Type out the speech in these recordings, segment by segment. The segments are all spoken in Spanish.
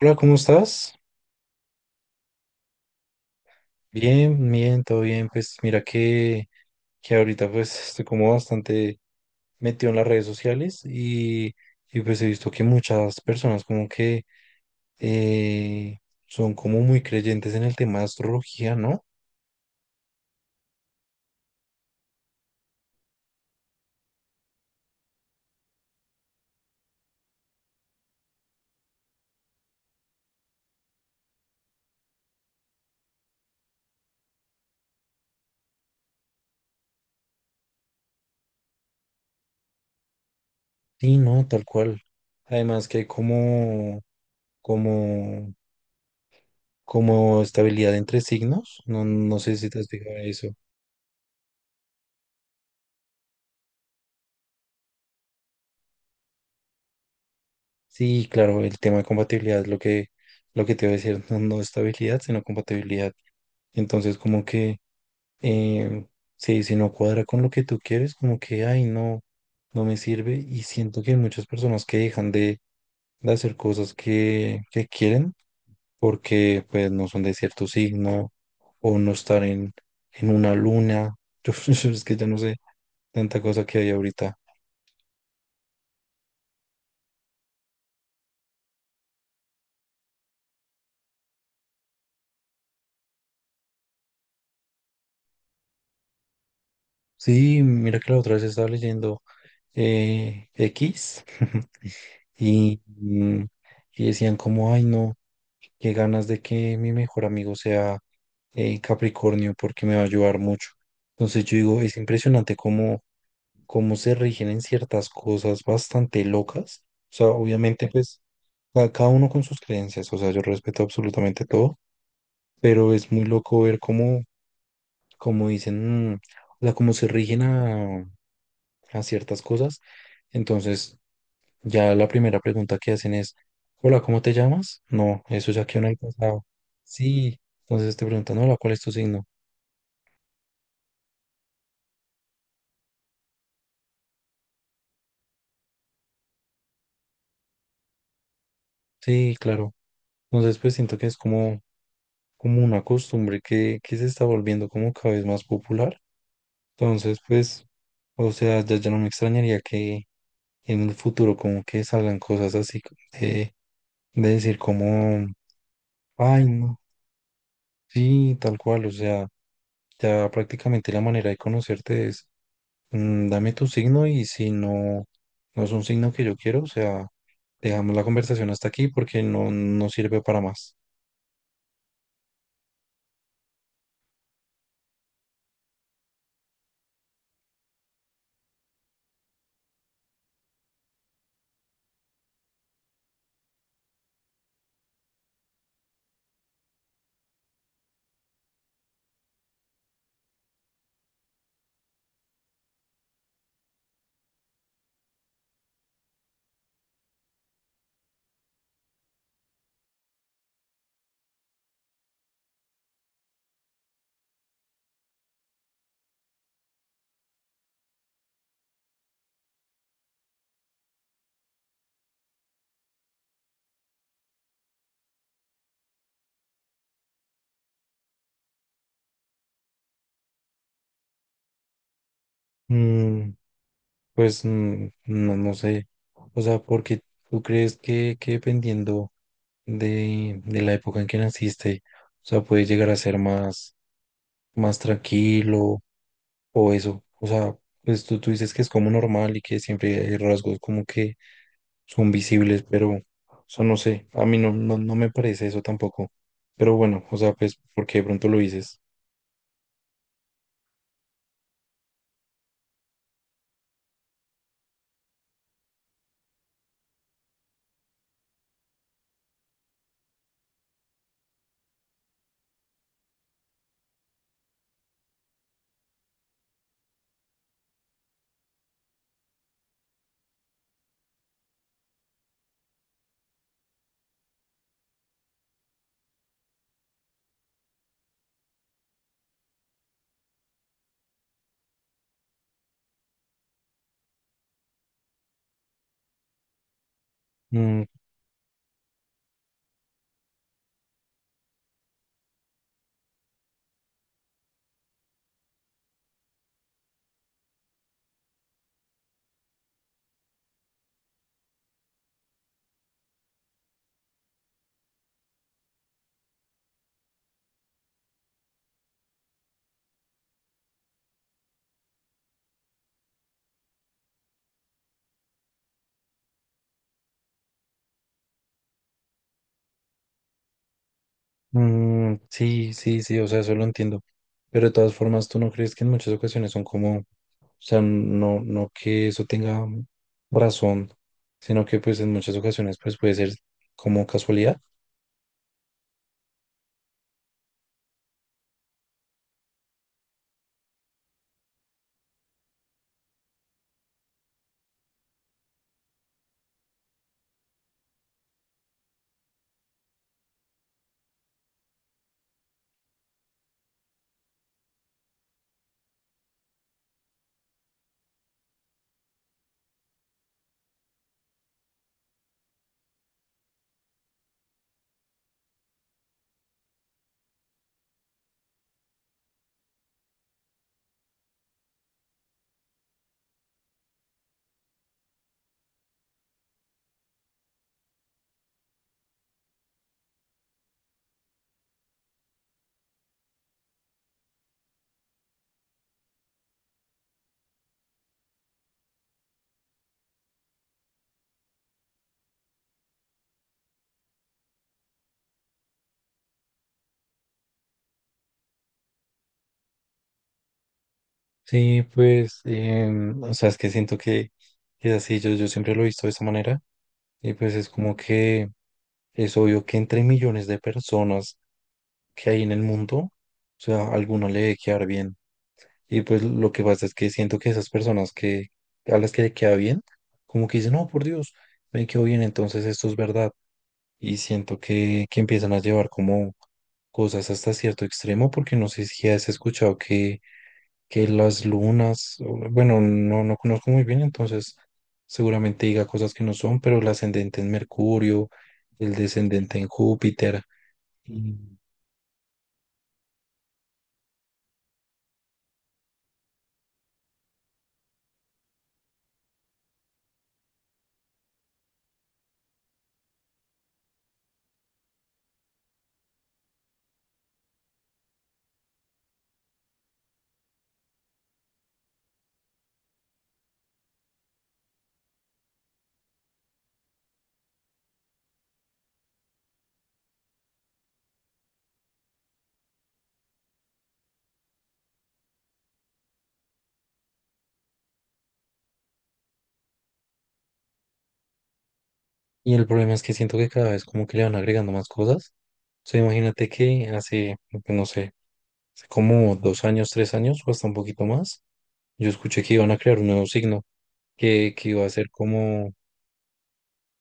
Hola, ¿cómo estás? Bien, bien, todo bien. Pues mira que ahorita pues estoy como bastante metido en las redes sociales y pues he visto que muchas personas como que eh, son como muy creyentes en el tema de astrología, ¿no? Sí, no, tal cual. Además que hay como, como estabilidad entre signos. No, no sé si te has fijado en eso. Sí, claro, el tema de compatibilidad es lo que te voy a decir, no, no estabilidad, sino compatibilidad. Entonces, como que eh, si no cuadra con lo que tú quieres, como que, ay, no, no me sirve. Y siento que hay muchas personas que dejan de hacer cosas que quieren porque pues no son de cierto signo o no estar en una luna. Yo es que ya no sé tanta cosa que hay ahorita. Sí, mira que la otra vez estaba leyendo X y, mm, y decían como, ay, no, qué ganas de que mi mejor amigo sea Capricornio porque me va a ayudar mucho. Entonces yo digo, es impresionante cómo se rigen en ciertas cosas bastante locas. O sea, obviamente pues cada uno con sus creencias, o sea, yo respeto absolutamente todo, pero es muy loco ver cómo dicen, o sea, cómo se rigen a ciertas cosas. Entonces ya la primera pregunta que hacen es, hola, ¿cómo te llamas? No, eso ya quedó en el pasado. Sí, entonces te preguntan, hola, ¿cuál es tu signo? Sí, claro. Entonces, pues siento que es como una costumbre que se está volviendo como cada vez más popular. Entonces, pues, o sea, ya no me extrañaría que en el futuro como que salgan cosas así de decir como, ay, no, sí, tal cual. O sea, ya prácticamente la manera de conocerte es, dame tu signo y si no, no es un signo que yo quiero, o sea, dejamos la conversación hasta aquí porque no, no sirve para más. Mm. Pues no, no sé. O sea, porque tú crees que dependiendo de la época en que naciste, o sea, puedes llegar a ser más tranquilo o eso. O sea, pues tú dices que es como normal y que siempre hay rasgos como que son visibles, pero, o sea, no sé. A mí no, no, no me parece eso tampoco. Pero bueno, o sea, pues porque de pronto lo dices. Mm. Mm, sí, sí, sí, o sea, eso lo entiendo. Pero de todas formas, ¿tú no crees que en muchas ocasiones son como, o sea, no, no que eso tenga razón, sino que pues en muchas ocasiones pues puede ser como casualidad? Sí, pues, o sea, es que siento que es así, yo siempre lo he visto de esa manera y pues es como que es obvio que entre millones de personas que hay en el mundo, o sea, alguno le debe quedar bien. Y pues lo que pasa es que siento que esas personas que a las que le queda bien, como que dicen, no, por Dios, me quedó bien, entonces esto es verdad. Y siento que empiezan a llevar como cosas hasta cierto extremo, porque no sé si has escuchado que las lunas, bueno, no, no conozco muy bien, entonces seguramente diga cosas que no son, pero el ascendente en Mercurio, el descendente en Júpiter. Y, y el problema es que siento que cada vez como que le van agregando más cosas. Sea, imagínate que hace, pues, no sé, hace como 2 años, 3 años o hasta un poquito más, yo escuché que iban a crear un nuevo signo, que iba a ser como,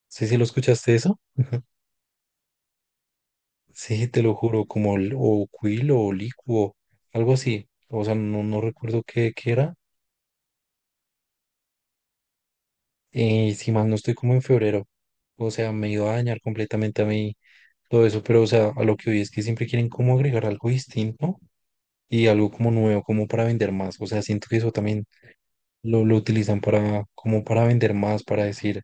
sí, sí, ¿lo escuchaste eso? Sí, te lo juro, como o quilo o licuo, algo así. O sea, no, no recuerdo qué era. Y si mal no estoy como en febrero. O sea, me iba a dañar completamente a mí todo eso, pero o sea, a lo que hoy es que siempre quieren como agregar algo distinto y algo como nuevo, como para vender más. O sea, siento que eso también lo utilizan para, como para vender más, para decir,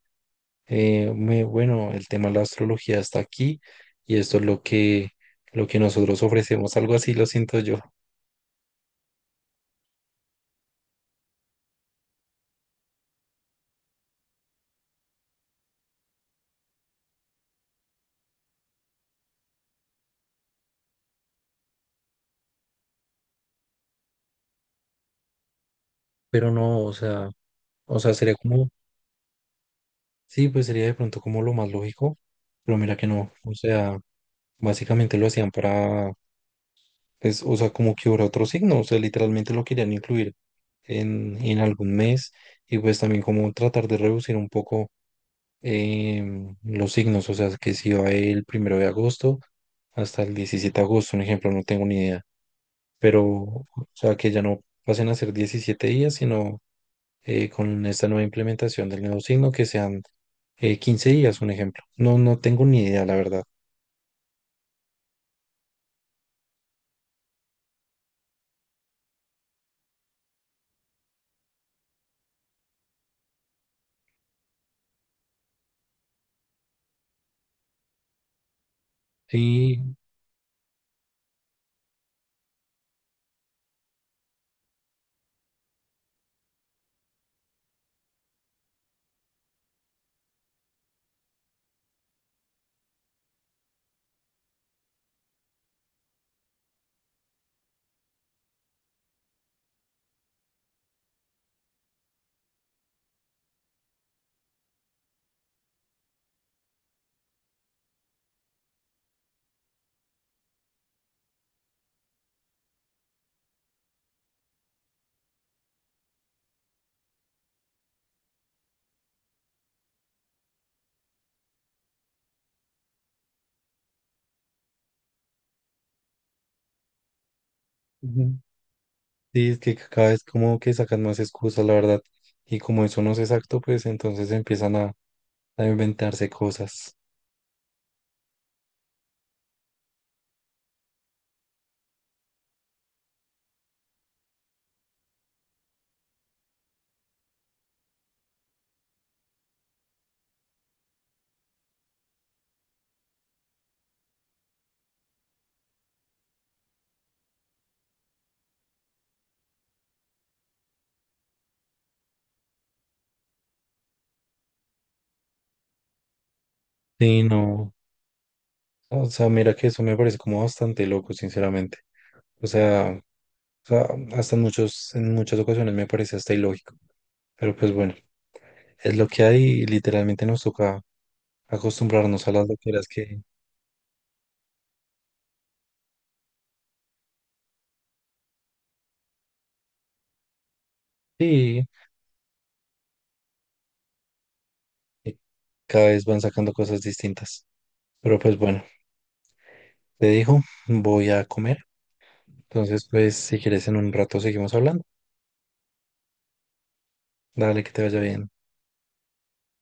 bueno, el tema de la astrología está aquí y esto es lo que nosotros ofrecemos, algo así lo siento yo, pero no, o sea, sería como, sí, pues sería de pronto como lo más lógico, pero mira que no, o sea, básicamente lo hacían para, pues, o sea, como que hubiera otro signo, o sea, literalmente lo querían incluir en algún mes y pues también como tratar de reducir un poco los signos, o sea, que si va el 1 de agosto hasta el 17 de agosto, un ejemplo, no tengo ni idea, pero, o sea, que ya no pasen a ser 17 días, sino con esta nueva implementación del nuevo signo que sean 15 días, un ejemplo. No, no tengo ni idea, la verdad. Sí, ujú, sí, es que cada vez como que sacan más excusas, la verdad, y como eso no es exacto, pues entonces empiezan a, inventarse cosas. Sí, no. O sea, mira que eso me parece como bastante loco, sinceramente. o sea hasta en muchas ocasiones me parece hasta ilógico. Pero pues bueno, es lo que hay y literalmente nos toca acostumbrarnos a las loqueras que sí, que cada vez van sacando cosas distintas. Pero pues bueno, te dijo, voy a comer. Entonces, pues si quieres en un rato seguimos hablando. Dale, que te vaya bien.